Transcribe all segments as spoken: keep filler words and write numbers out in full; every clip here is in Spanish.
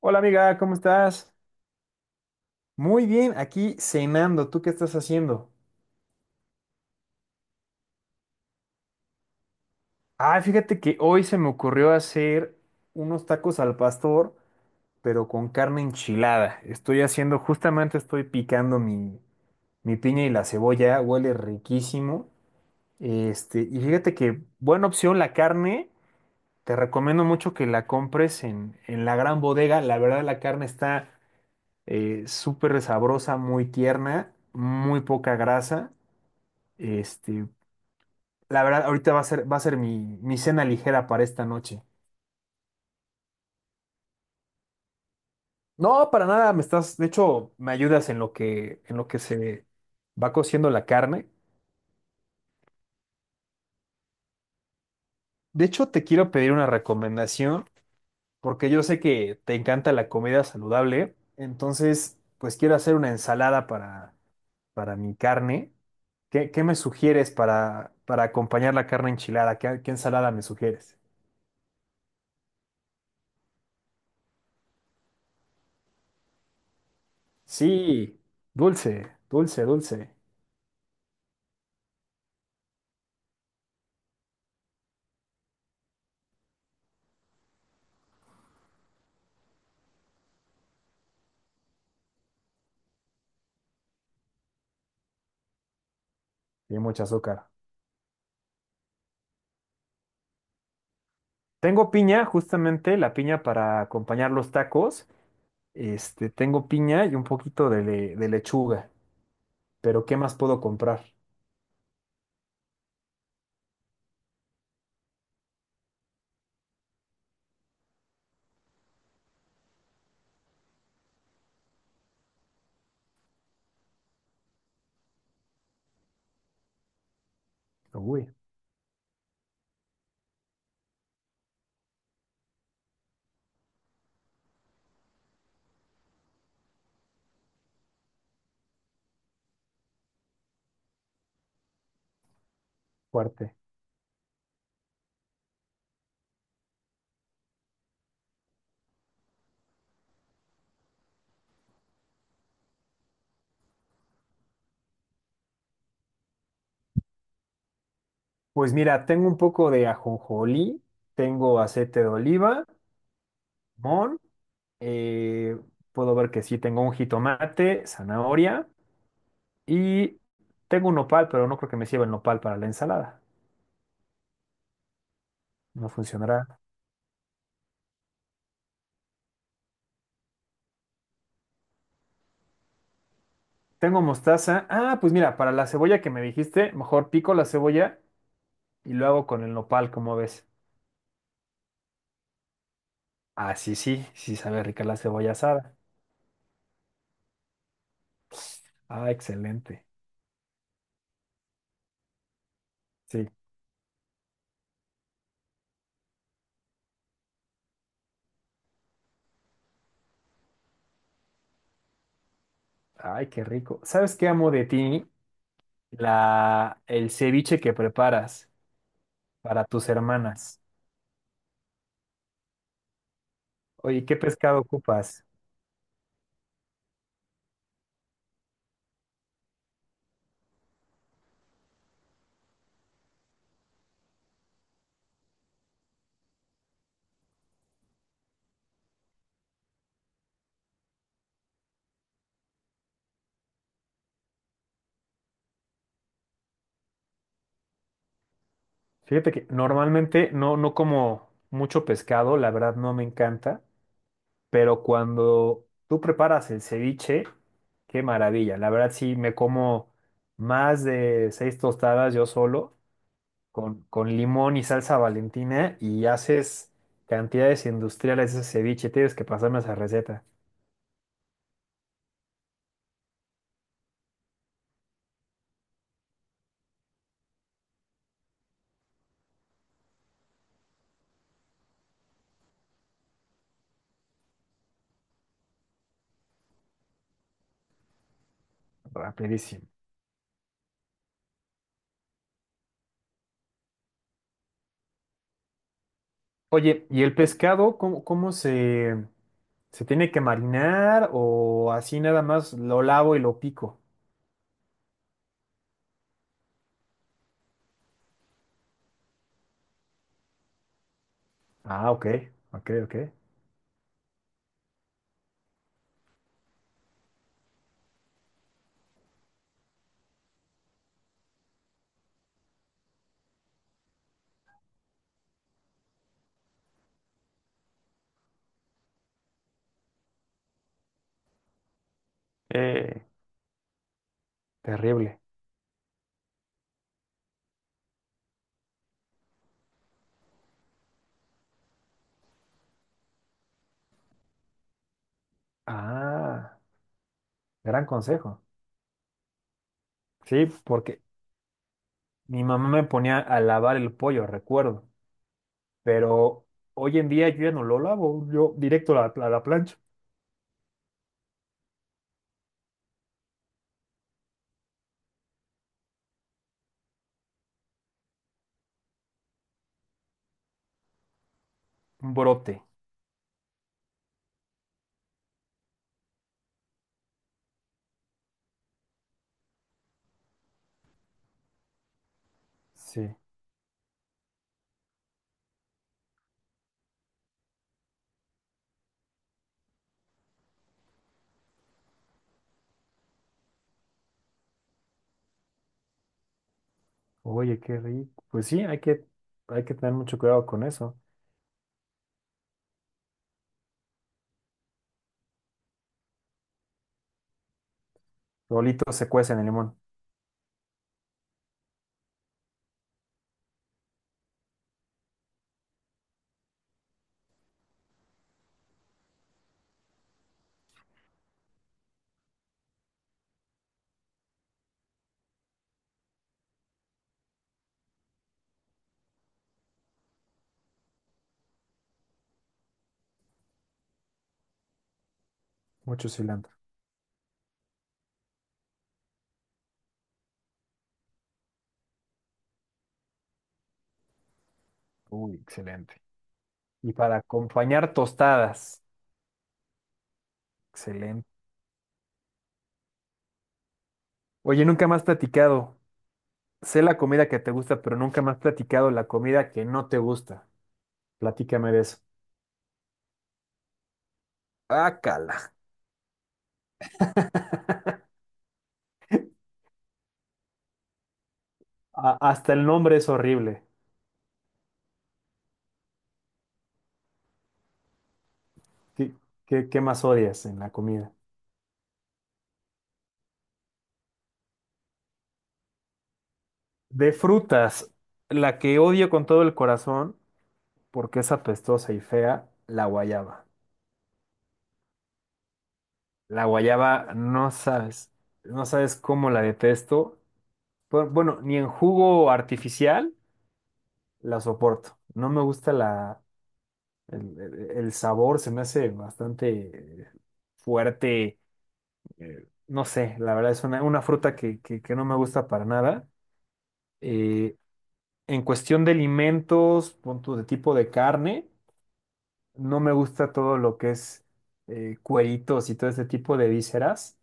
Hola amiga, ¿cómo estás? Muy bien, aquí cenando. ¿Tú qué estás haciendo? Ah, fíjate que hoy se me ocurrió hacer unos tacos al pastor, pero con carne enchilada. Estoy haciendo, justamente estoy picando mi, mi piña y la cebolla, huele riquísimo. Este, y fíjate que buena opción la carne. Te recomiendo mucho que la compres en, en la gran bodega. La verdad, la carne está eh, súper sabrosa, muy tierna, muy poca grasa. Este, La verdad, ahorita va a ser, va a ser mi, mi cena ligera para esta noche. No, para nada, me estás, de hecho, me ayudas en lo que, en lo que se va cociendo la carne. De hecho, te quiero pedir una recomendación, porque yo sé que te encanta la comida saludable. Entonces, pues quiero hacer una ensalada para, para mi carne. ¿Qué, qué me sugieres para, para acompañar la carne enchilada? ¿Qué, qué ensalada me sugieres? Sí, dulce, dulce, dulce. Y mucho azúcar. Tengo piña, justamente la piña para acompañar los tacos. Este, tengo piña y un poquito de, le- de lechuga. Pero ¿qué más puedo comprar? Uy, fuerte. Pues mira, tengo un poco de ajonjolí, tengo aceite de oliva, limón, eh, puedo ver que sí, tengo un jitomate, zanahoria y tengo un nopal, pero no creo que me sirva el nopal para la ensalada. No funcionará. Tengo mostaza. Ah, pues mira, para la cebolla que me dijiste, mejor pico la cebolla y lo hago con el nopal, ¿como ves? Ah, sí, sí, sí sabe rica la cebolla asada. Ah, excelente. Sí. Ay, qué rico. ¿Sabes qué amo de ti? La, el ceviche que preparas para tus hermanas. Oye, ¿qué pescado ocupas? Fíjate que normalmente no, no como mucho pescado, la verdad no me encanta, pero cuando tú preparas el ceviche, qué maravilla. La verdad sí me como más de seis tostadas yo solo con, con limón y salsa Valentina y haces cantidades industriales de ese ceviche. Tienes que pasarme esa receta. Rapidísimo. Oye, ¿y el pescado cómo, cómo se, se tiene que marinar o así nada más lo lavo y lo pico? Ah, ok, ok, ok. Eh, Terrible. Ah, gran consejo. Sí, porque mi mamá me ponía a lavar el pollo, recuerdo, pero hoy en día yo ya no lo lavo, yo directo a la, a la plancha. Un brote. Sí, oye, qué rico. Pues sí, hay que, hay que tener mucho cuidado con eso. Solito se cuecen en el limón, mucho cilantro. Uy, excelente. Y para acompañar tostadas. Excelente. Oye, nunca más platicado. Sé la comida que te gusta, pero nunca más platicado la comida que no te gusta. Platícame de eso. Ah, cala. A- hasta el nombre es horrible. ¿Qué, qué, qué más odias en la comida? De frutas, la que odio con todo el corazón, porque es apestosa y fea, la guayaba. La guayaba, no sabes, no sabes cómo la detesto. Por- bueno, ni en jugo artificial la soporto. No me gusta la, el, el- el sabor, se me hace bastante eh, fuerte. Eh, no sé, la verdad es una, una fruta que, que- que no me gusta para nada. Eh, en cuestión de alimentos, punto de tipo de carne, no me gusta todo lo que es eh, cueritos y todo este tipo de vísceras.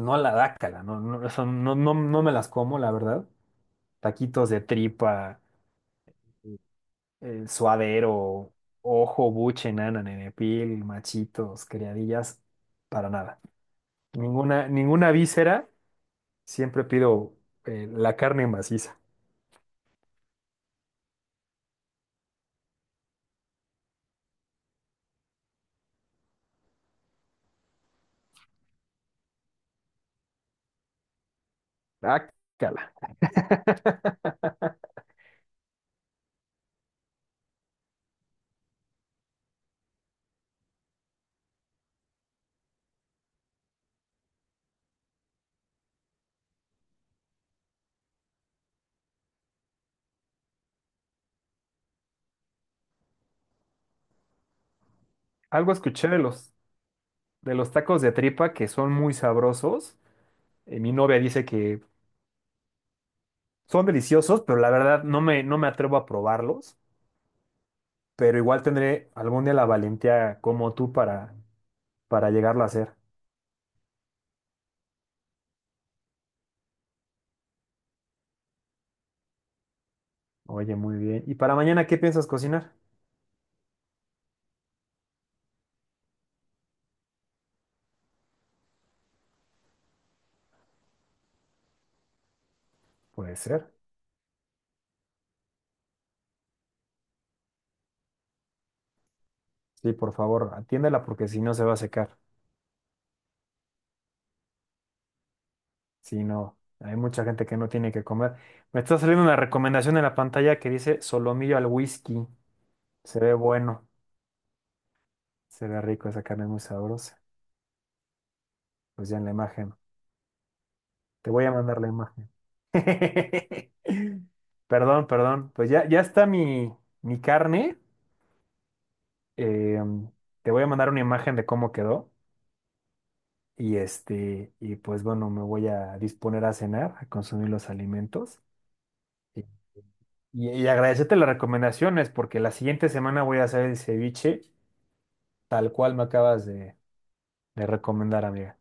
No la dácala, no, no, eso no, no, no me las como, la verdad. Taquitos de tripa, eh, suadero, ojo, buche, nana, nenepil, machitos, criadillas, para nada. Ninguna, ninguna víscera, siempre pido eh, la carne maciza. Dácala. Algo escuché de los, de los tacos de tripa que son muy sabrosos. Eh, mi novia dice que son deliciosos, pero la verdad no me, no me atrevo a probarlos, pero igual tendré algún día la valentía como tú para, para llegarlo a hacer. Oye, muy bien. ¿Y para mañana qué piensas cocinar? Puede ser. Sí, por favor, atiéndela porque si no se va a secar. Si no, hay mucha gente que no tiene que comer. Me está saliendo una recomendación en la pantalla que dice solomillo al whisky. Se ve bueno, se ve rico, esa carne es muy sabrosa. Pues ya en la imagen. Te voy a mandar la imagen. Perdón, perdón. Pues ya, ya está mi, mi carne. Eh, Te voy a mandar una imagen de cómo quedó y este, y pues bueno, me voy a disponer a cenar, a consumir los alimentos y, y- y agradecerte las recomendaciones porque la siguiente semana voy a hacer el ceviche tal cual me acabas de, de recomendar, amiga.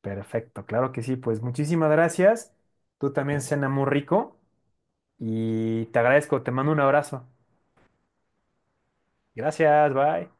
Perfecto, claro que sí, pues muchísimas gracias. Tú también cena muy rico y te agradezco, te mando un abrazo. Gracias, bye.